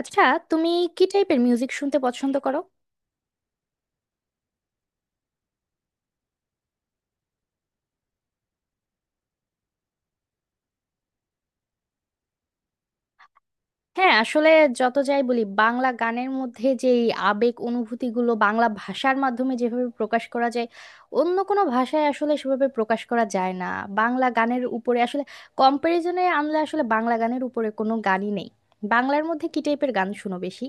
আচ্ছা, তুমি কি টাইপের মিউজিক শুনতে পছন্দ করো? হ্যাঁ, আসলে যত যাই বলি, বাংলা গানের মধ্যে যে এই আবেগ অনুভূতিগুলো বাংলা ভাষার মাধ্যমে যেভাবে প্রকাশ করা যায়, অন্য কোনো ভাষায় আসলে সেভাবে প্রকাশ করা যায় না। বাংলা গানের উপরে আসলে কম্পারিজনে আনলে আসলে বাংলা গানের উপরে কোনো গানই নেই। বাংলার মধ্যে কি টাইপের গান শুনো বেশি?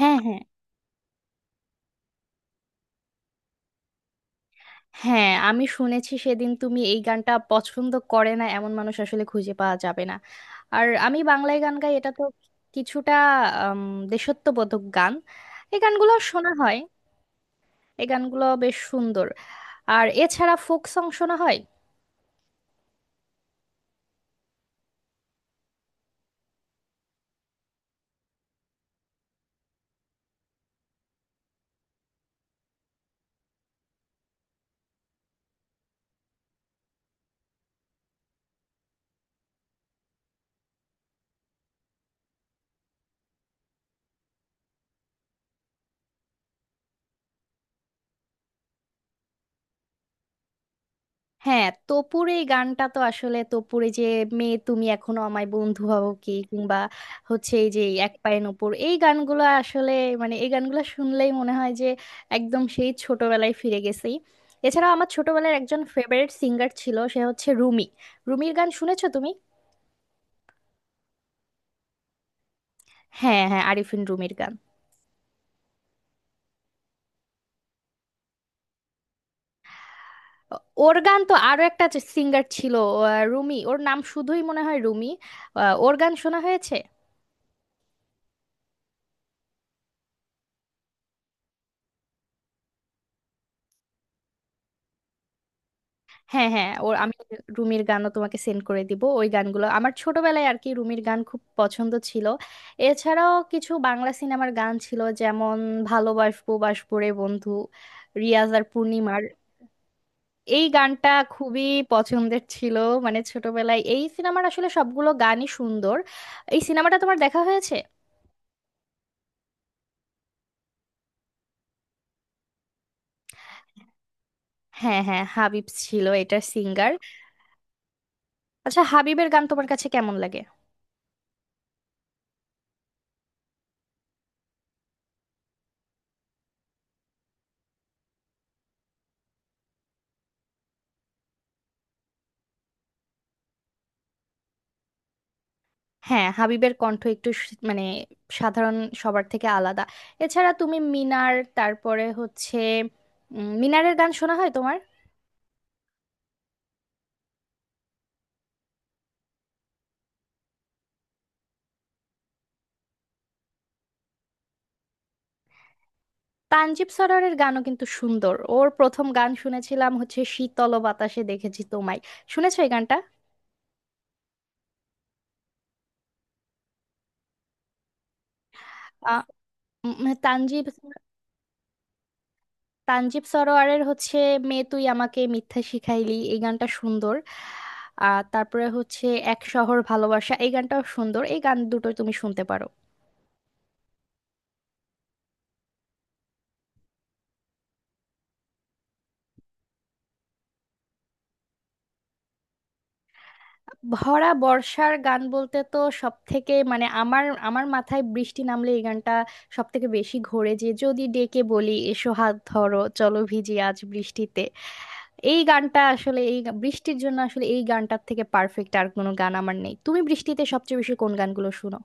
হ্যাঁ হ্যাঁ হ্যাঁ আমি শুনেছি সেদিন তুমি এই গানটা পছন্দ করে না এমন মানুষ আসলে খুঁজে পাওয়া যাবে না। আর আমি বাংলায় গান গাই, এটা তো কিছুটা আম, দেশাত্মবোধক গান, এই গানগুলো শোনা হয়। এই গানগুলো বেশ সুন্দর। আর এছাড়া ফোক সং শোনা হয়। হ্যাঁ, তপুর এই গানটা তো আসলে তপুর এই যে মেয়ে তুমি এখনো আমায় বন্ধু হবো কি, কিংবা হচ্ছে এই যে এক পায়ের ওপর, এই গানগুলো আসলে মানে এই গানগুলো শুনলেই মনে হয় যে একদম সেই ছোটবেলায় ফিরে গেছি। এছাড়াও আমার ছোটবেলার একজন ফেভারিট সিঙ্গার ছিল, সে হচ্ছে রুমি। রুমির গান শুনেছো তুমি? হ্যাঁ হ্যাঁ, আরিফিন রুমির গান। ও- ওর গান তো আরো একটা সিঙ্গার ছিল। রুমি ওর নাম, শুধুই মনে হয় রুমি। ওর গান শোনা হয়েছে? হ্যাঁ হ্যাঁ, ওর আমি রুমির গানও তোমাকে সেন্ড করে দিব। ওই গানগুলো আমার ছোটবেলায় আর কি রুমির গান খুব পছন্দ ছিল। এছাড়াও কিছু বাংলা সিনেমার গান ছিল, যেমন ভালোবাসবো বাসবো রে বন্ধু, রিয়াজ আর পূর্ণিমার এই গানটা খুবই পছন্দের ছিল। মানে ছোটবেলায় এই সিনেমার আসলে সবগুলো গানই সুন্দর। এই সিনেমাটা তোমার দেখা হয়েছে? হ্যাঁ হ্যাঁ, হাবিব ছিল এটার সিঙ্গার। আচ্ছা, হাবিবের গান তোমার কাছে কেমন লাগে? হ্যাঁ, হাবিবের কণ্ঠ একটু মানে সাধারণ সবার থেকে আলাদা। এছাড়া তুমি মিনার, তারপরে হচ্ছে মিনারের গান শোনা হয় তোমার? তানজিব সরোয়ারের গানও কিন্তু সুন্দর। ওর প্রথম গান শুনেছিলাম হচ্ছে শীতল বাতাসে দেখেছি তোমায়। শুনেছো এই গানটা? আহ, তানজিব তানজিব সরোয়ারের হচ্ছে মেয়ে তুই আমাকে মিথ্যা শিখাইলি, এই গানটা সুন্দর। আর তারপরে হচ্ছে এক শহর ভালোবাসা, এই গানটাও সুন্দর। এই গান দুটো তুমি শুনতে পারো। ভরা বর্ষার গান বলতে তো সব থেকে মানে আমার আমার মাথায় বৃষ্টি নামলে এই গানটা সব থেকে বেশি ঘোরে, যে যদি ডেকে বলি এসো হাত ধরো চলো ভিজি আজ বৃষ্টিতে। এই গানটা আসলে এই বৃষ্টির জন্য আসলে এই গানটার থেকে পারফেক্ট আর কোনো গান আমার নেই। তুমি বৃষ্টিতে সবচেয়ে বেশি কোন গানগুলো শুনো?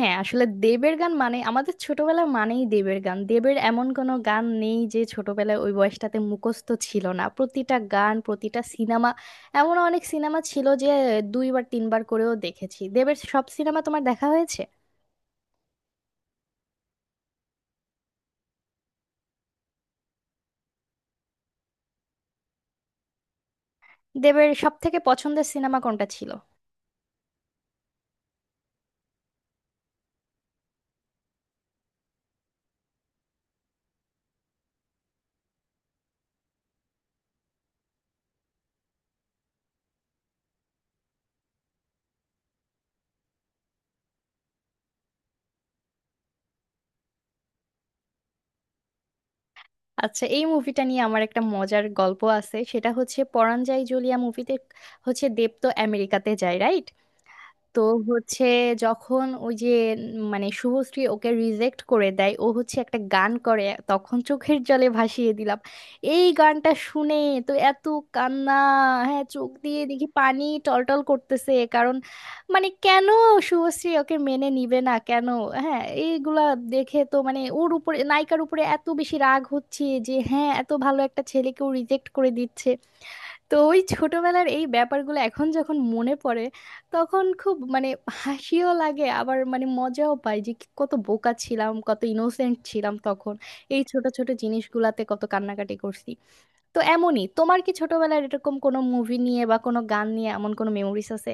হ্যাঁ, আসলে দেবের গান মানে আমাদের ছোটবেলা মানেই দেবের গান। দেবের এমন কোনো গান নেই যে ছোটবেলায় ওই বয়সটাতে মুখস্থ ছিল না, প্রতিটা গান, প্রতিটা সিনেমা। এমন অনেক সিনেমা ছিল যে দুইবার তিনবার করেও দেখেছি। দেবের সব সিনেমা তোমার দেখা হয়েছে? দেবের সব থেকে পছন্দের সিনেমা কোনটা ছিল? আচ্ছা, এই মুভিটা নিয়ে আমার একটা মজার গল্প আছে। সেটা হচ্ছে পরাণ যায় জ্বলিয়া মুভিতে হচ্ছে দেব তো আমেরিকাতে যায়, রাইট? তো হচ্ছে যখন ওই যে মানে শুভশ্রী ওকে রিজেক্ট করে দেয়, ও হচ্ছে একটা গান করে, তখন চোখের জলে ভাসিয়ে দিলাম এই গানটা শুনে তো এত কান্না। হ্যাঁ, চোখ দিয়ে দেখি পানি টলটল করতেছে, কারণ মানে কেন শুভশ্রী ওকে মেনে নিবে না কেন। হ্যাঁ, এইগুলা দেখে তো মানে ওর উপরে, নায়িকার উপরে এত বেশি রাগ হচ্ছে যে, হ্যাঁ, এত ভালো একটা ছেলেকেও রিজেক্ট করে দিচ্ছে। তো ওই ছোটবেলার এই ব্যাপারগুলো এখন যখন মনে পড়ে, তখন খুব মানে হাসিও লাগে, আবার মানে মজাও পাই যে কত বোকা ছিলাম, কত ইনোসেন্ট ছিলাম তখন। এই ছোট ছোট জিনিসগুলাতে কত কান্নাকাটি করছি। তো এমনই তোমার কি ছোটবেলার এরকম কোনো মুভি নিয়ে বা কোনো গান নিয়ে এমন কোনো মেমোরিজ আছে?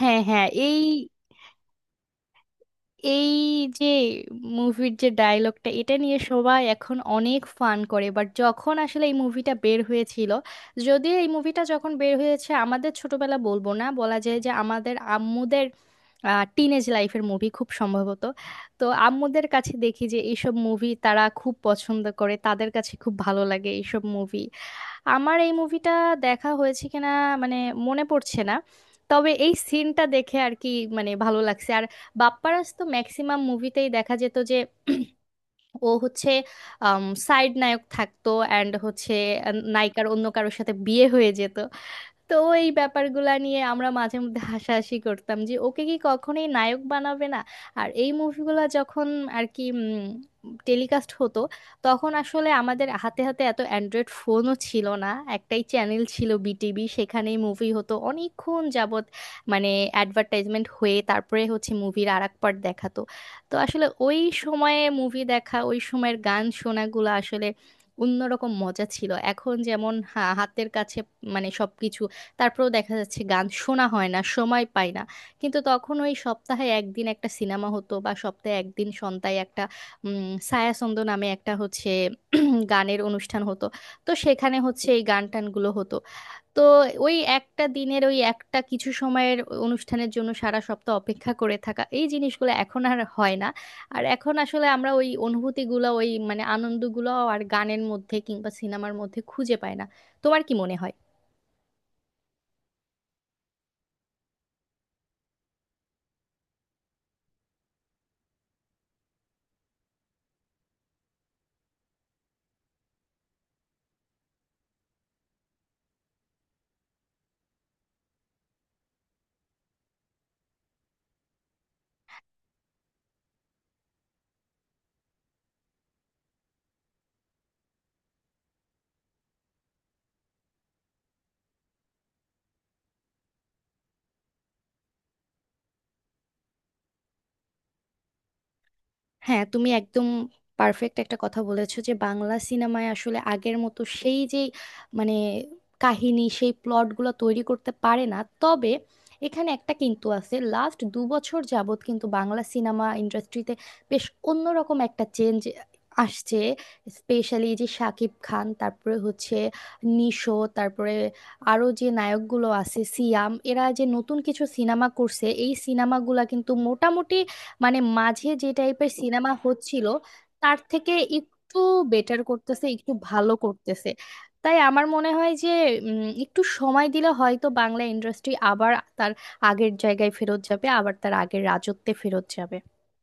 হ্যাঁ হ্যাঁ এই এই যে মুভির যে ডায়লগটা, এটা নিয়ে সবাই এখন অনেক ফান করে, বাট যখন আসলে এই মুভিটা বের হয়েছিল, যদিও এই মুভিটা যখন বের হয়েছে আমাদের ছোটবেলা বলবো না, বলা যায় যে আমাদের আম্মুদের টিনেজ লাইফের মুভি খুব সম্ভবত। তো আম্মুদের কাছে দেখি যে এইসব মুভি তারা খুব পছন্দ করে, তাদের কাছে খুব ভালো লাগে এইসব মুভি। আমার এই মুভিটা দেখা হয়েছে কিনা মানে মনে পড়ছে না। তবে এই সিনটা দেখে আর কি মানে ভালো লাগছে। আর বাপ্পারাজ তো ম্যাক্সিমাম মুভিতেই দেখা যেত যে ও হচ্ছে সাইড নায়ক থাকতো, অ্যান্ড হচ্ছে নায়িকার অন্য কারোর সাথে বিয়ে হয়ে যেত। তো এই ব্যাপারগুলা নিয়ে আমরা মাঝে মধ্যে হাসাহাসি করতাম যে ওকে কি কখনোই নায়ক বানাবে না। আর এই মুভিগুলা যখন আর কি টেলিকাস্ট হতো, তখন আসলে আমাদের হাতে হাতে এত অ্যান্ড্রয়েড ফোনও ছিল না। একটাই চ্যানেল ছিল বিটিভি, সেখানেই মুভি হতো অনেকক্ষণ যাবত, মানে অ্যাডভার্টাইজমেন্ট হয়ে তারপরে হচ্ছে মুভির আর এক পার্ট দেখাতো। তো আসলে ওই সময়ে মুভি দেখা, ওই সময়ের গান শোনাগুলো আসলে অন্যরকম মজা ছিল। এখন যেমন হাতের কাছে মানে সবকিছু, তারপরেও দেখা যাচ্ছে গান শোনা হয় না, সময় পাই না। কিন্তু তখন ওই সপ্তাহে একদিন একটা সিনেমা হতো, বা সপ্তাহে একদিন সন্ধ্যায় একটা ছায়াছন্দ নামে একটা হচ্ছে গানের অনুষ্ঠান হতো। তো সেখানে হচ্ছে এই গান টানগুলো হতো। তো ওই একটা দিনের, ওই একটা কিছু সময়ের অনুষ্ঠানের জন্য সারা সপ্তাহ অপেক্ষা করে থাকা, এই জিনিসগুলো এখন আর হয় না। আর এখন আসলে আমরা ওই অনুভূতিগুলো, ওই মানে আনন্দগুলো আর গানের মধ্যে কিংবা সিনেমার মধ্যে খুঁজে পাই না। তোমার কি মনে হয়? হ্যাঁ, তুমি একদম পারফেক্ট একটা কথা বলেছো যে বাংলা সিনেমায় আসলে আগের মতো সেই যে মানে কাহিনী, সেই প্লটগুলো তৈরি করতে পারে না। তবে এখানে একটা কিন্তু আছে, লাস্ট 2 বছর যাবৎ কিন্তু বাংলা সিনেমা ইন্ডাস্ট্রিতে বেশ অন্যরকম একটা চেঞ্জ আসছে। স্পেশালি যে শাকিব খান, তারপরে হচ্ছে নিশো, তারপরে আরও যে নায়কগুলো আছে সিয়াম, এরা যে নতুন কিছু সিনেমা করছে, এই সিনেমাগুলা কিন্তু মোটামুটি মানে মাঝে যে টাইপের সিনেমা হচ্ছিল তার থেকে একটু বেটার করতেছে, একটু ভালো করতেছে। তাই আমার মনে হয় যে একটু সময় দিলে হয়তো বাংলা ইন্ডাস্ট্রি আবার তার আগের জায়গায় ফেরত যাবে, আবার তার আগের রাজত্বে ফেরত যাবে।